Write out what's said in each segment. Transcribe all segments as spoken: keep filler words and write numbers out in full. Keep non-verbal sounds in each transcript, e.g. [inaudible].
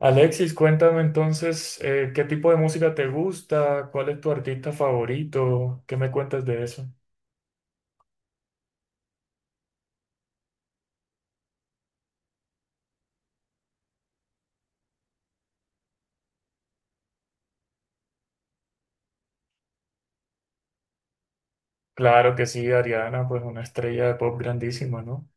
Alexis, cuéntame entonces, eh, ¿qué tipo de música te gusta? ¿Cuál es tu artista favorito? ¿Qué me cuentas de eso? Claro que sí, Ariana, pues una estrella de pop grandísima, ¿no?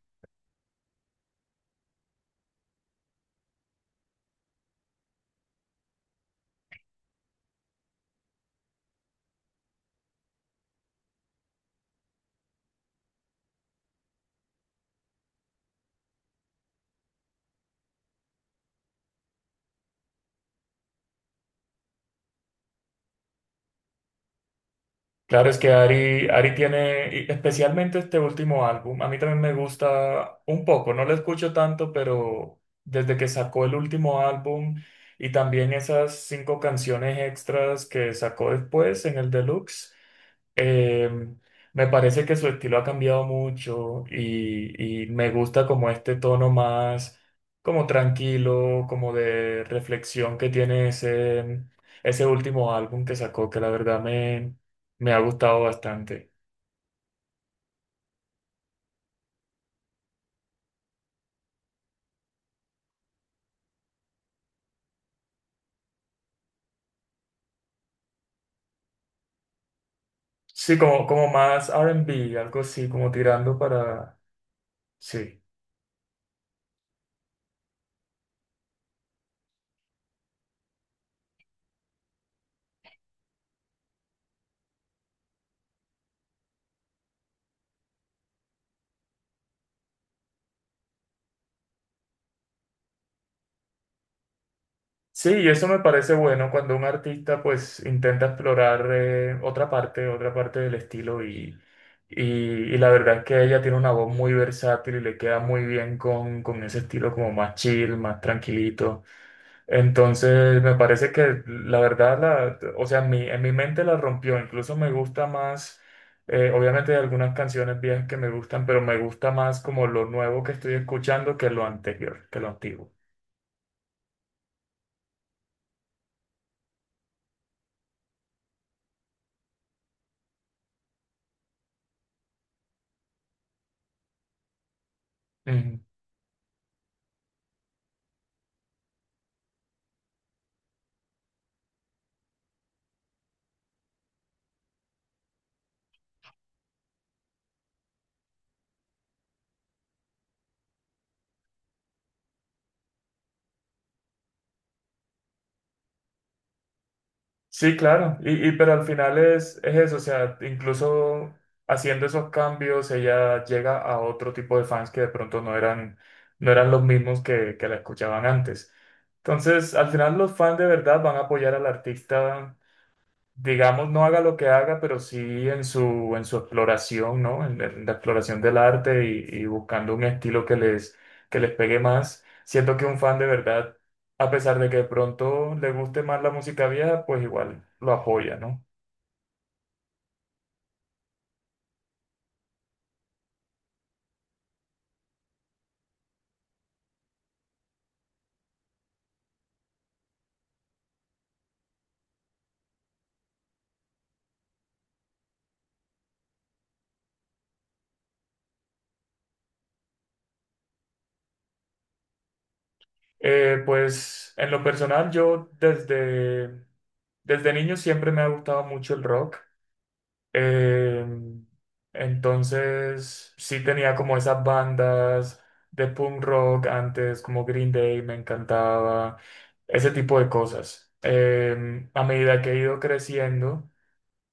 Claro, es que Ari, Ari tiene, y especialmente este último álbum, a mí también me gusta un poco, no lo escucho tanto, pero desde que sacó el último álbum y también esas cinco canciones extras que sacó después en el Deluxe. Eh, Me parece que su estilo ha cambiado mucho y, y me gusta como este tono más como tranquilo, como de reflexión que tiene ese, ese último álbum que sacó, que la verdad me, me ha gustado bastante. Sí, como, como más R and B, algo así, como tirando para... Sí. Sí, y eso me parece bueno cuando un artista pues intenta explorar eh, otra parte, otra parte del estilo y, y, y la verdad es que ella tiene una voz muy versátil y le queda muy bien con, con ese estilo como más chill, más tranquilito. Entonces me parece que la verdad, la, o sea, en mi, en mi mente la rompió, incluso me gusta más, eh, obviamente hay algunas canciones viejas que me gustan, pero me gusta más como lo nuevo que estoy escuchando que lo anterior, que lo antiguo. Sí, claro, y, y- pero al final es, es eso, o sea, incluso haciendo esos cambios ella llega a otro tipo de fans que de pronto no eran, no eran los mismos que, que la escuchaban antes. Entonces, al final los fans de verdad van a apoyar al artista digamos, no haga lo que haga, pero sí en su, en su exploración, ¿no? En, en la exploración del arte y, y buscando un estilo que les, que les pegue más. Siento que un fan de verdad, a pesar de que de pronto le guste más la música vieja, pues igual lo apoya, ¿no? Eh, pues en lo personal, yo desde, desde niño siempre me ha gustado mucho el rock. Eh, entonces, sí tenía como esas bandas de punk rock antes, como Green Day, me encantaba, ese tipo de cosas. Eh, a medida que he ido creciendo,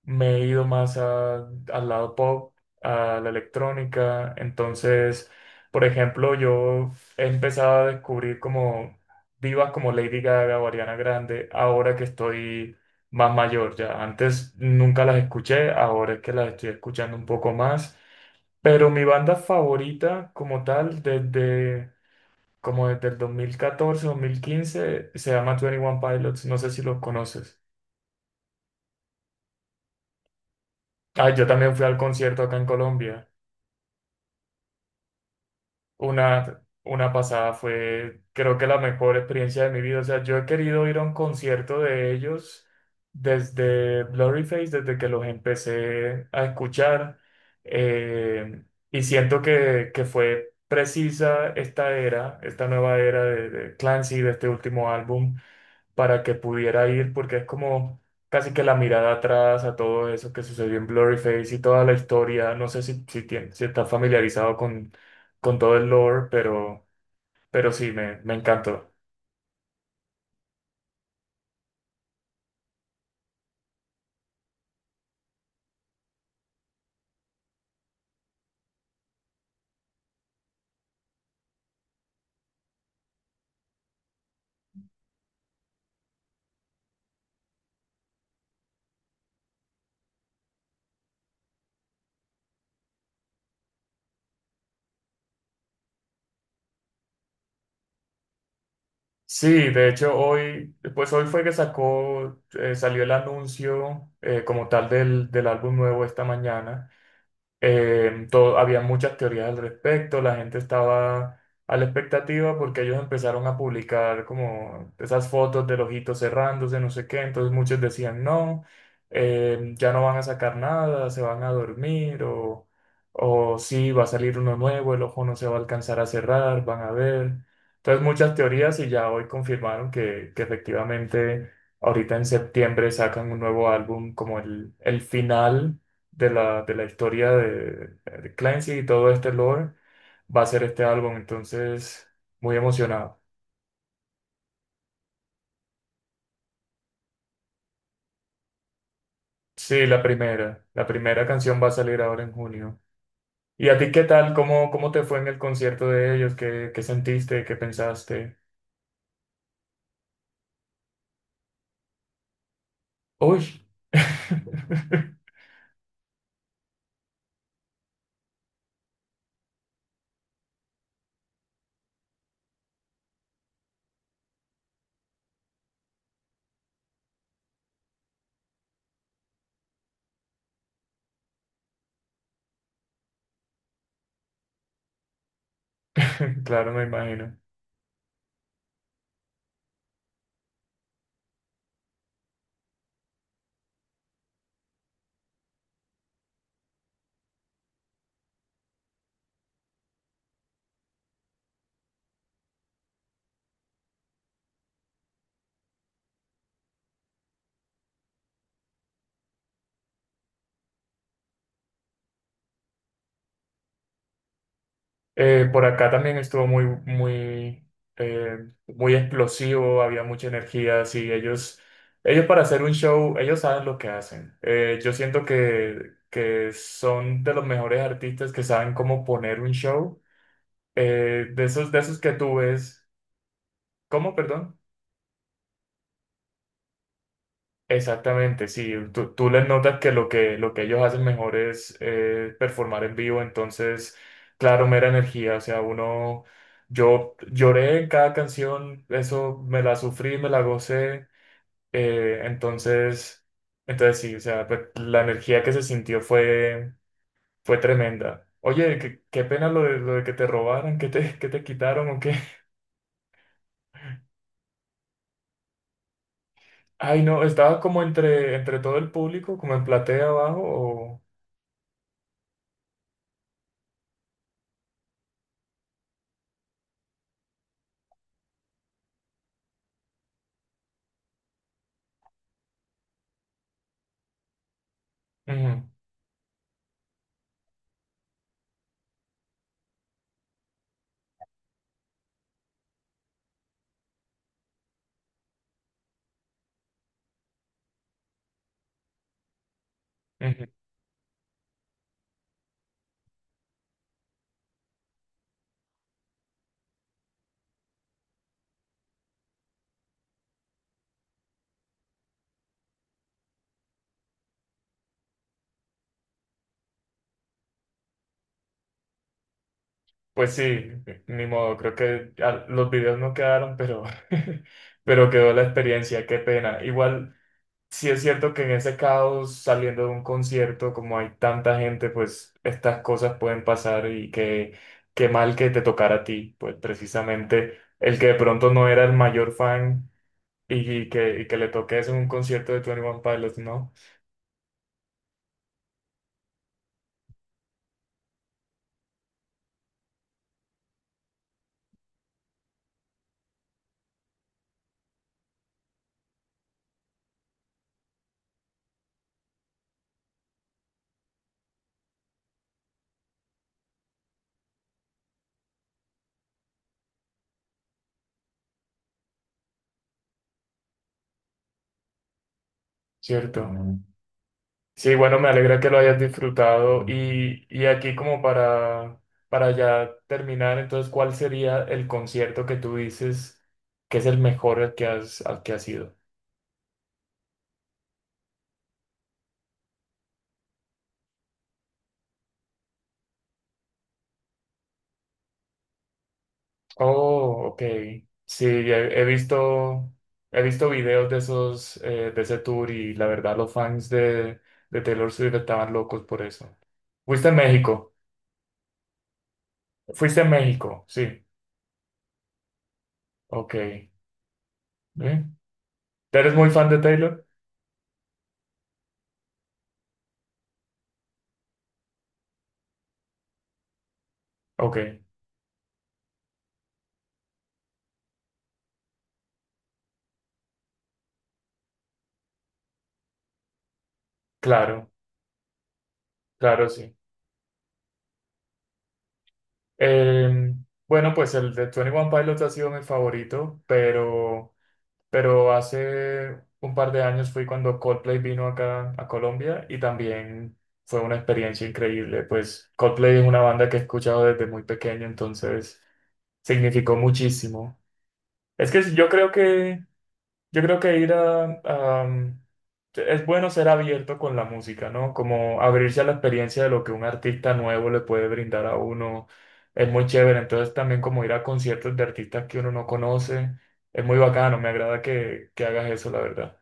me he ido más a- al lado pop, a la electrónica. Entonces, por ejemplo, yo he empezado a descubrir como divas como Lady Gaga o Ariana Grande ahora que estoy más mayor ya. Antes nunca las escuché, ahora es que las estoy escuchando un poco más. Pero mi banda favorita como tal desde... Como desde el dos mil catorce, dos mil quince, se llama Twenty One Pilots, no sé si los conoces. Ah, yo también fui al concierto acá en Colombia. Una, una pasada fue, creo que la mejor experiencia de mi vida. O sea, yo he querido ir a un concierto de ellos desde Blurryface, desde que los empecé a escuchar. eh, y siento que, que fue precisa esta era, esta nueva era de, de Clancy, de este último álbum, para que pudiera ir, porque es como casi que la mirada atrás a todo eso que sucedió en Blurryface y toda la historia. No sé si, si, tien- si estás familiarizado con todo el lore, pero, pero sí, me, me encantó. Sí, de hecho hoy, pues hoy fue que sacó, eh, salió el anuncio eh, como tal del, del álbum nuevo esta mañana. Eh, todo, había muchas teorías al respecto, la gente estaba a la expectativa porque ellos empezaron a publicar como esas fotos del ojito cerrándose, no sé qué, entonces muchos decían no, eh, ya no van a sacar nada, se van a dormir o, o sí, va a salir uno nuevo, el ojo no se va a alcanzar a cerrar, van a ver. Entonces muchas teorías y ya hoy confirmaron que, que efectivamente ahorita en septiembre sacan un nuevo álbum como el, el final de la, de la historia de, de Clancy y todo este lore va a ser este álbum, entonces muy emocionado. Sí, la primera, la primera canción va a salir ahora en junio. ¿Y a ti qué tal? ¿Cómo, cómo te fue en el concierto de ellos? ¿Qué, qué sentiste? ¿Qué pensaste? Uy, [laughs] claro, me imagino. Eh, por acá también estuvo muy, muy, eh, muy explosivo, había mucha energía, así ellos, ellos para hacer un show, ellos saben lo que hacen. Eh, yo siento que, que son de los mejores artistas que saben cómo poner un show. Eh, de esos, de esos que tú ves, ¿cómo, perdón? Exactamente, sí. Tú, tú les notas que lo que, lo que ellos hacen mejor es eh, performar en vivo, entonces, claro, mera energía. O sea, uno, yo lloré en cada canción, eso me la sufrí, me la gocé. Eh, entonces, entonces sí, o sea, pues, la energía que se sintió fue, fue tremenda. Oye, qué, qué pena lo de, lo de que te robaran, que te, que te quitaron o qué. [laughs] Ay, no, estaba como entre, entre todo el público, como en platea abajo o... Ujú, ujú. Pues sí, ni modo, creo que ah, los videos no quedaron, pero, [laughs] pero quedó la experiencia, qué pena. Igual, sí es cierto que en ese caos, saliendo de un concierto, como hay tanta gente, pues estas cosas pueden pasar y que qué mal que te tocara a ti, pues precisamente el que de pronto no era el mayor fan y, y que, y que le toques en un concierto de Twenty One Pilots, ¿no? Cierto. Sí, bueno, me alegra que lo hayas disfrutado. Y, y aquí como para, para ya terminar, entonces, ¿cuál sería el concierto que tú dices que es el mejor al que has, al que has ido? Oh, ok. Sí, he, he visto, he visto videos de esos, eh, de ese tour y la verdad los fans de, de Taylor Swift estaban locos por eso. ¿Fuiste a México? ¿Fuiste a México? Sí, ok. ¿Eh? ¿Eres muy fan de Taylor? Ok, claro, claro, sí. Eh, bueno, pues el de veintiuno Pilots ha sido mi favorito, pero, pero hace un par de años fui cuando Coldplay vino acá a Colombia y también fue una experiencia increíble. Pues Coldplay es una banda que he escuchado desde muy pequeño, entonces significó muchísimo. Es que yo creo que yo creo que ir a, a- mm, es bueno ser abierto con la música, ¿no? Como abrirse a la experiencia de lo que un artista nuevo le puede brindar a uno. Es muy chévere. Entonces también como ir a conciertos de artistas que uno no conoce. Es muy bacano. Me agrada que, que hagas eso, la verdad.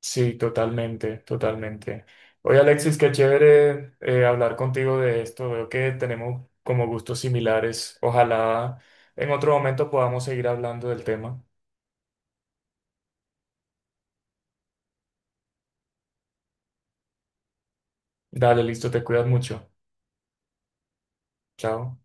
Sí, totalmente, totalmente. Oye, Alexis, qué chévere eh, hablar contigo de esto. Veo que tenemos como gustos similares. Ojalá en otro momento podamos seguir hablando del tema. Dale, listo, te cuidas mucho. Chao.